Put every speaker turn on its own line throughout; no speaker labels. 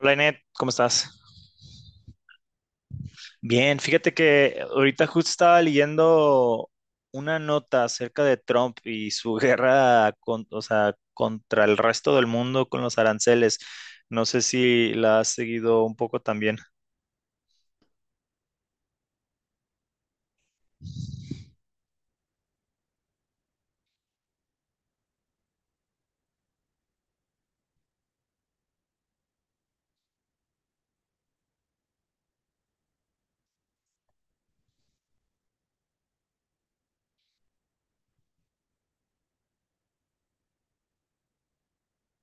Hola Inet, ¿cómo estás? Bien, fíjate que ahorita justo estaba leyendo una nota acerca de Trump y su guerra contra el resto del mundo con los aranceles. No sé si la has seguido un poco también.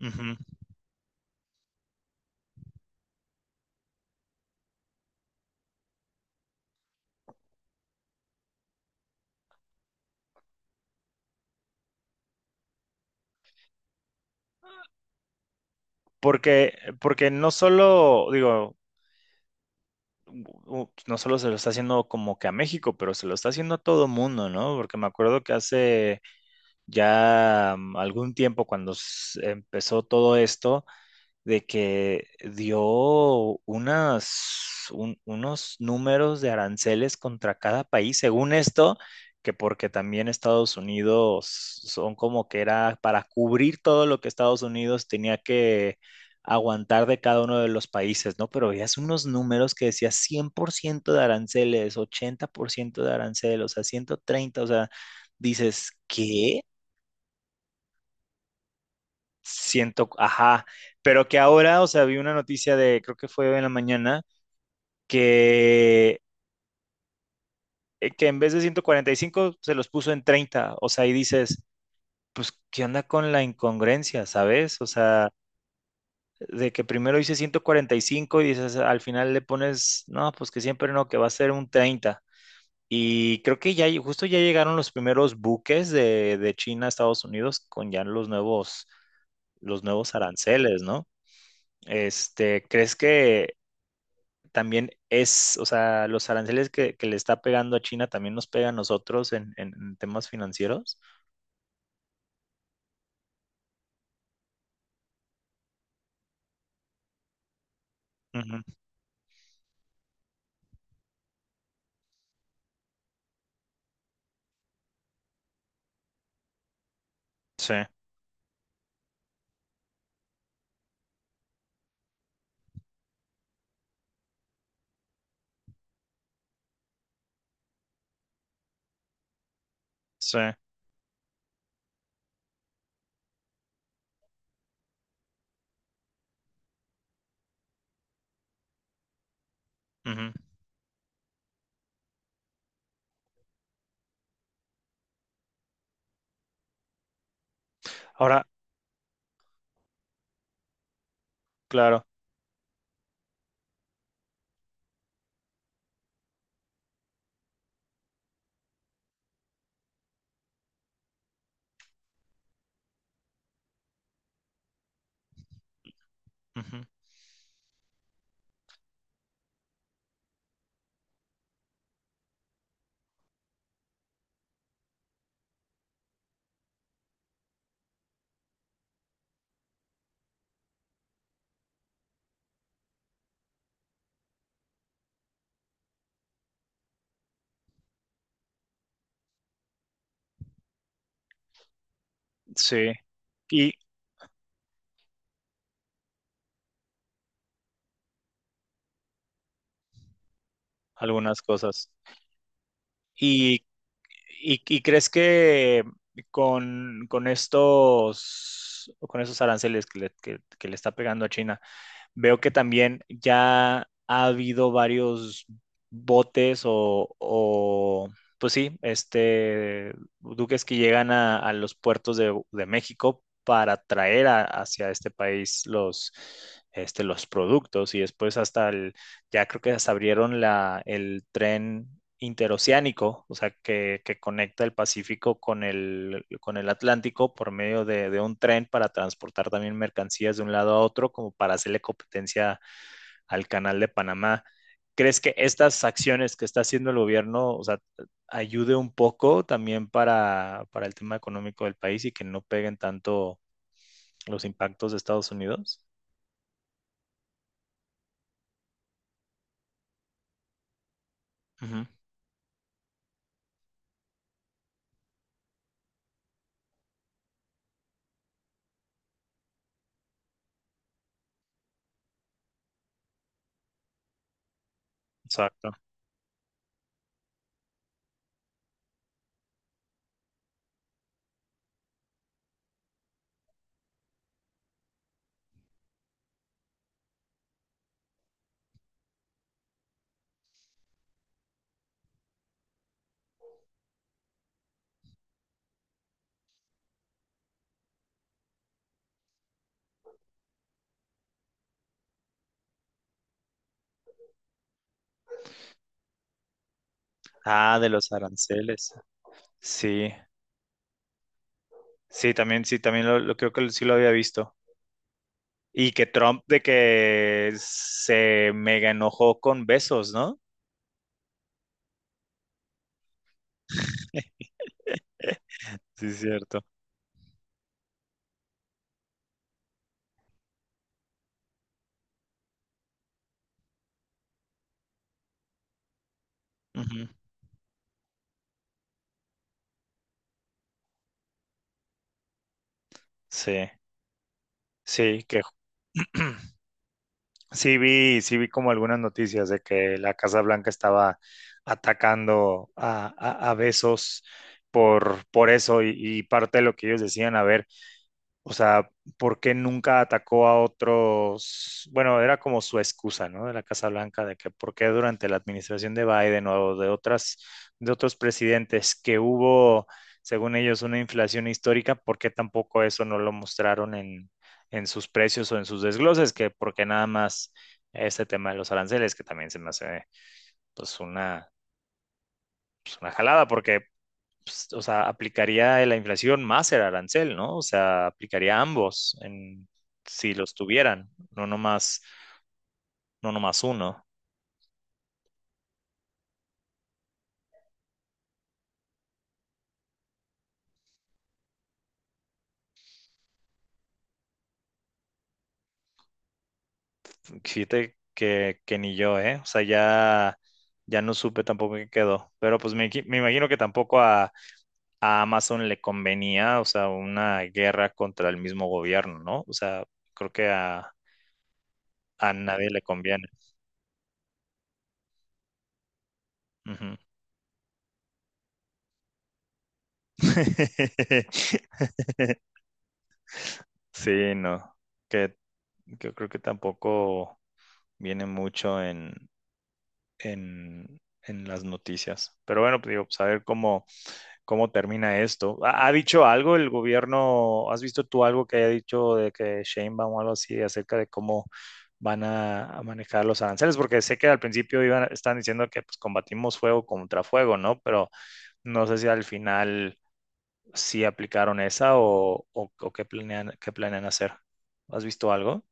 Ujú. Porque no solo, digo, u- no solo se lo está haciendo como que a México, pero se lo está haciendo a todo mundo, ¿no? Porque me acuerdo que hace ya algún tiempo, cuando empezó todo esto, de que dio unos números de aranceles contra cada país, según esto, que porque también Estados Unidos son como que era para cubrir todo lo que Estados Unidos tenía que aguantar de cada uno de los países, ¿no? Pero veías unos números que decía 100% de aranceles, 80% de aranceles, o sea, 130, o sea, dices, ¿qué? Siento, ajá, pero que ahora, o sea, vi una noticia de, creo que fue hoy en la mañana, que, que en vez de 145 se los puso en 30, o sea, y dices, pues, ¿qué onda con la incongruencia, sabes? O sea, de que primero hice 145 y dices, al final le pones, no, pues que siempre no, que va a ser un 30. Y creo que ya, justo ya llegaron los primeros buques de China a Estados Unidos con ya los nuevos aranceles, ¿no? Este, ¿crees que también es, o sea, los aranceles que le está pegando a China también nos pega a nosotros en, en temas financieros? Ujú. Sí, sí. Ujú. Ahora, claro. Ujú. Sí. Y algunas cosas. ¿Y, y crees que con estos, con esos aranceles que le, que le está pegando a China, veo que también ya ha habido varios botes pues sí, este, duques que llegan a los puertos de México para traer hacia este país los, este, los productos y después hasta el, ya creo que hasta abrieron la, el tren interoceánico, o sea, que conecta el Pacífico con el Atlántico por medio de un tren para transportar también mercancías de un lado a otro, como para hacerle competencia al canal de Panamá. ¿Crees que estas acciones que está haciendo el gobierno, o sea, ayude un poco también para el tema económico del país y que no peguen tanto los impactos de Estados Unidos? Ujú. Exacto. Ah, de los aranceles. Sí, sí, también, sí, también creo que sí lo había visto. Y que Trump de que se mega enojó con besos, ¿no? Sí, es cierto. Ujú. Sí, sí, que sí vi como algunas noticias de que la Casa Blanca estaba atacando a, a Bezos por eso y parte de lo que ellos decían, a ver, o sea, ¿por qué nunca atacó a otros? Bueno, era como su excusa, ¿no? De la Casa Blanca, de que por qué durante la administración de Biden o de otras, de otros presidentes que hubo, según ellos, una inflación histórica, ¿por qué tampoco eso no lo mostraron en sus precios o en sus desgloses? Que porque nada más este tema de los aranceles, que también se me hace, pues, una, pues, una jalada, porque pues, o sea, aplicaría la inflación más el arancel, ¿no? O sea, aplicaría ambos en, si los tuvieran, no nomás, no nomás uno. Fíjate que ni yo, ¿eh? O sea, ya, ya no supe tampoco qué quedó. Pero pues me imagino que tampoco a, a Amazon le convenía, o sea, una guerra contra el mismo gobierno, ¿no? O sea, creo que a nadie le conviene. Ujú. Sí, no, que yo creo que tampoco viene mucho en, en las noticias. Pero bueno, pues digo, pues a ver cómo, cómo termina esto. ¿Ha, ha dicho algo el gobierno? ¿Has visto tú algo que haya dicho de que Sheinbaum o algo así acerca de cómo van a manejar los aranceles? Porque sé que al principio iban, están diciendo que pues combatimos fuego contra fuego, ¿no? Pero no sé si al final sí aplicaron esa o qué planean hacer. ¿Has visto algo?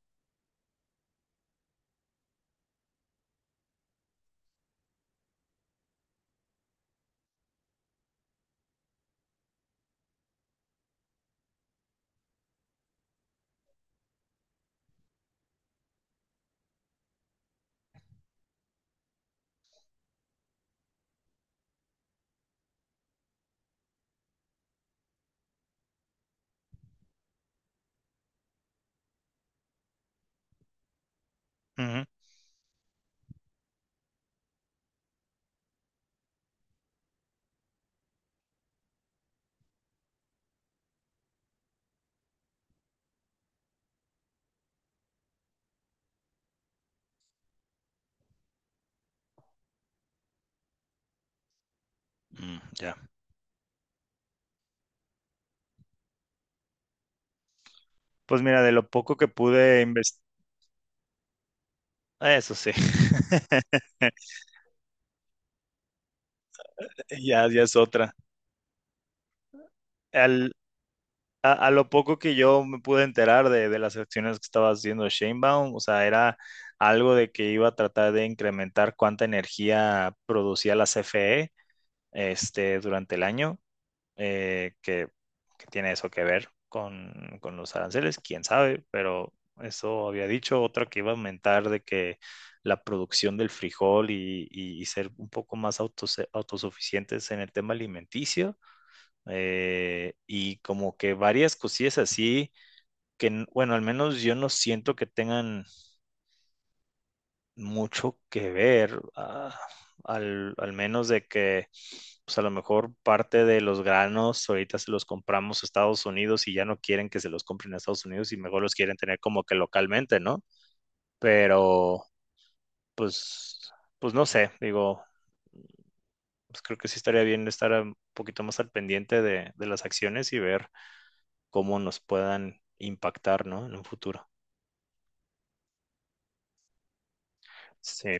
Ujú. Mm, ya. Pues mira, de lo poco que pude investigar, eso sí, ya, ya es otra. Al, a lo poco que yo me pude enterar de las acciones que estaba haciendo Shanebaum, o sea, era algo de que iba a tratar de incrementar cuánta energía producía la CFE este, durante el año. eh, que, que tiene eso que ver con los aranceles, quién sabe, pero eso había dicho, otra que iba a aumentar de que la producción del frijol y ser un poco más autosuficientes en el tema alimenticio, y como que varias cosillas así que, bueno, al menos yo no siento que tengan mucho que ver, ah, al, al menos de que, pues a lo mejor parte de los granos ahorita se los compramos a Estados Unidos y ya no quieren que se los compren a Estados Unidos y mejor los quieren tener como que localmente, ¿no? Pero, pues, pues no sé, digo, pues creo que sí estaría bien estar un poquito más al pendiente de las acciones y ver cómo nos puedan impactar, ¿no? En un futuro. Sí,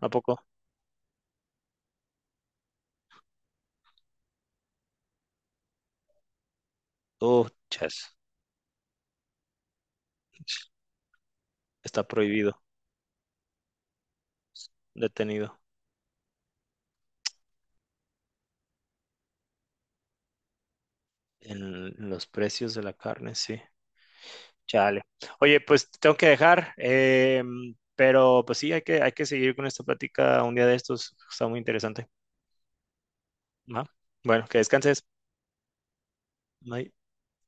¿a poco? Oh, chas, está prohibido, detenido. En los precios de la carne, sí. Chale. Oye, pues te tengo que dejar, pero pues sí, hay que seguir con esta plática un día de estos. Está muy interesante. Ajá. Bueno, que descanses. Bye.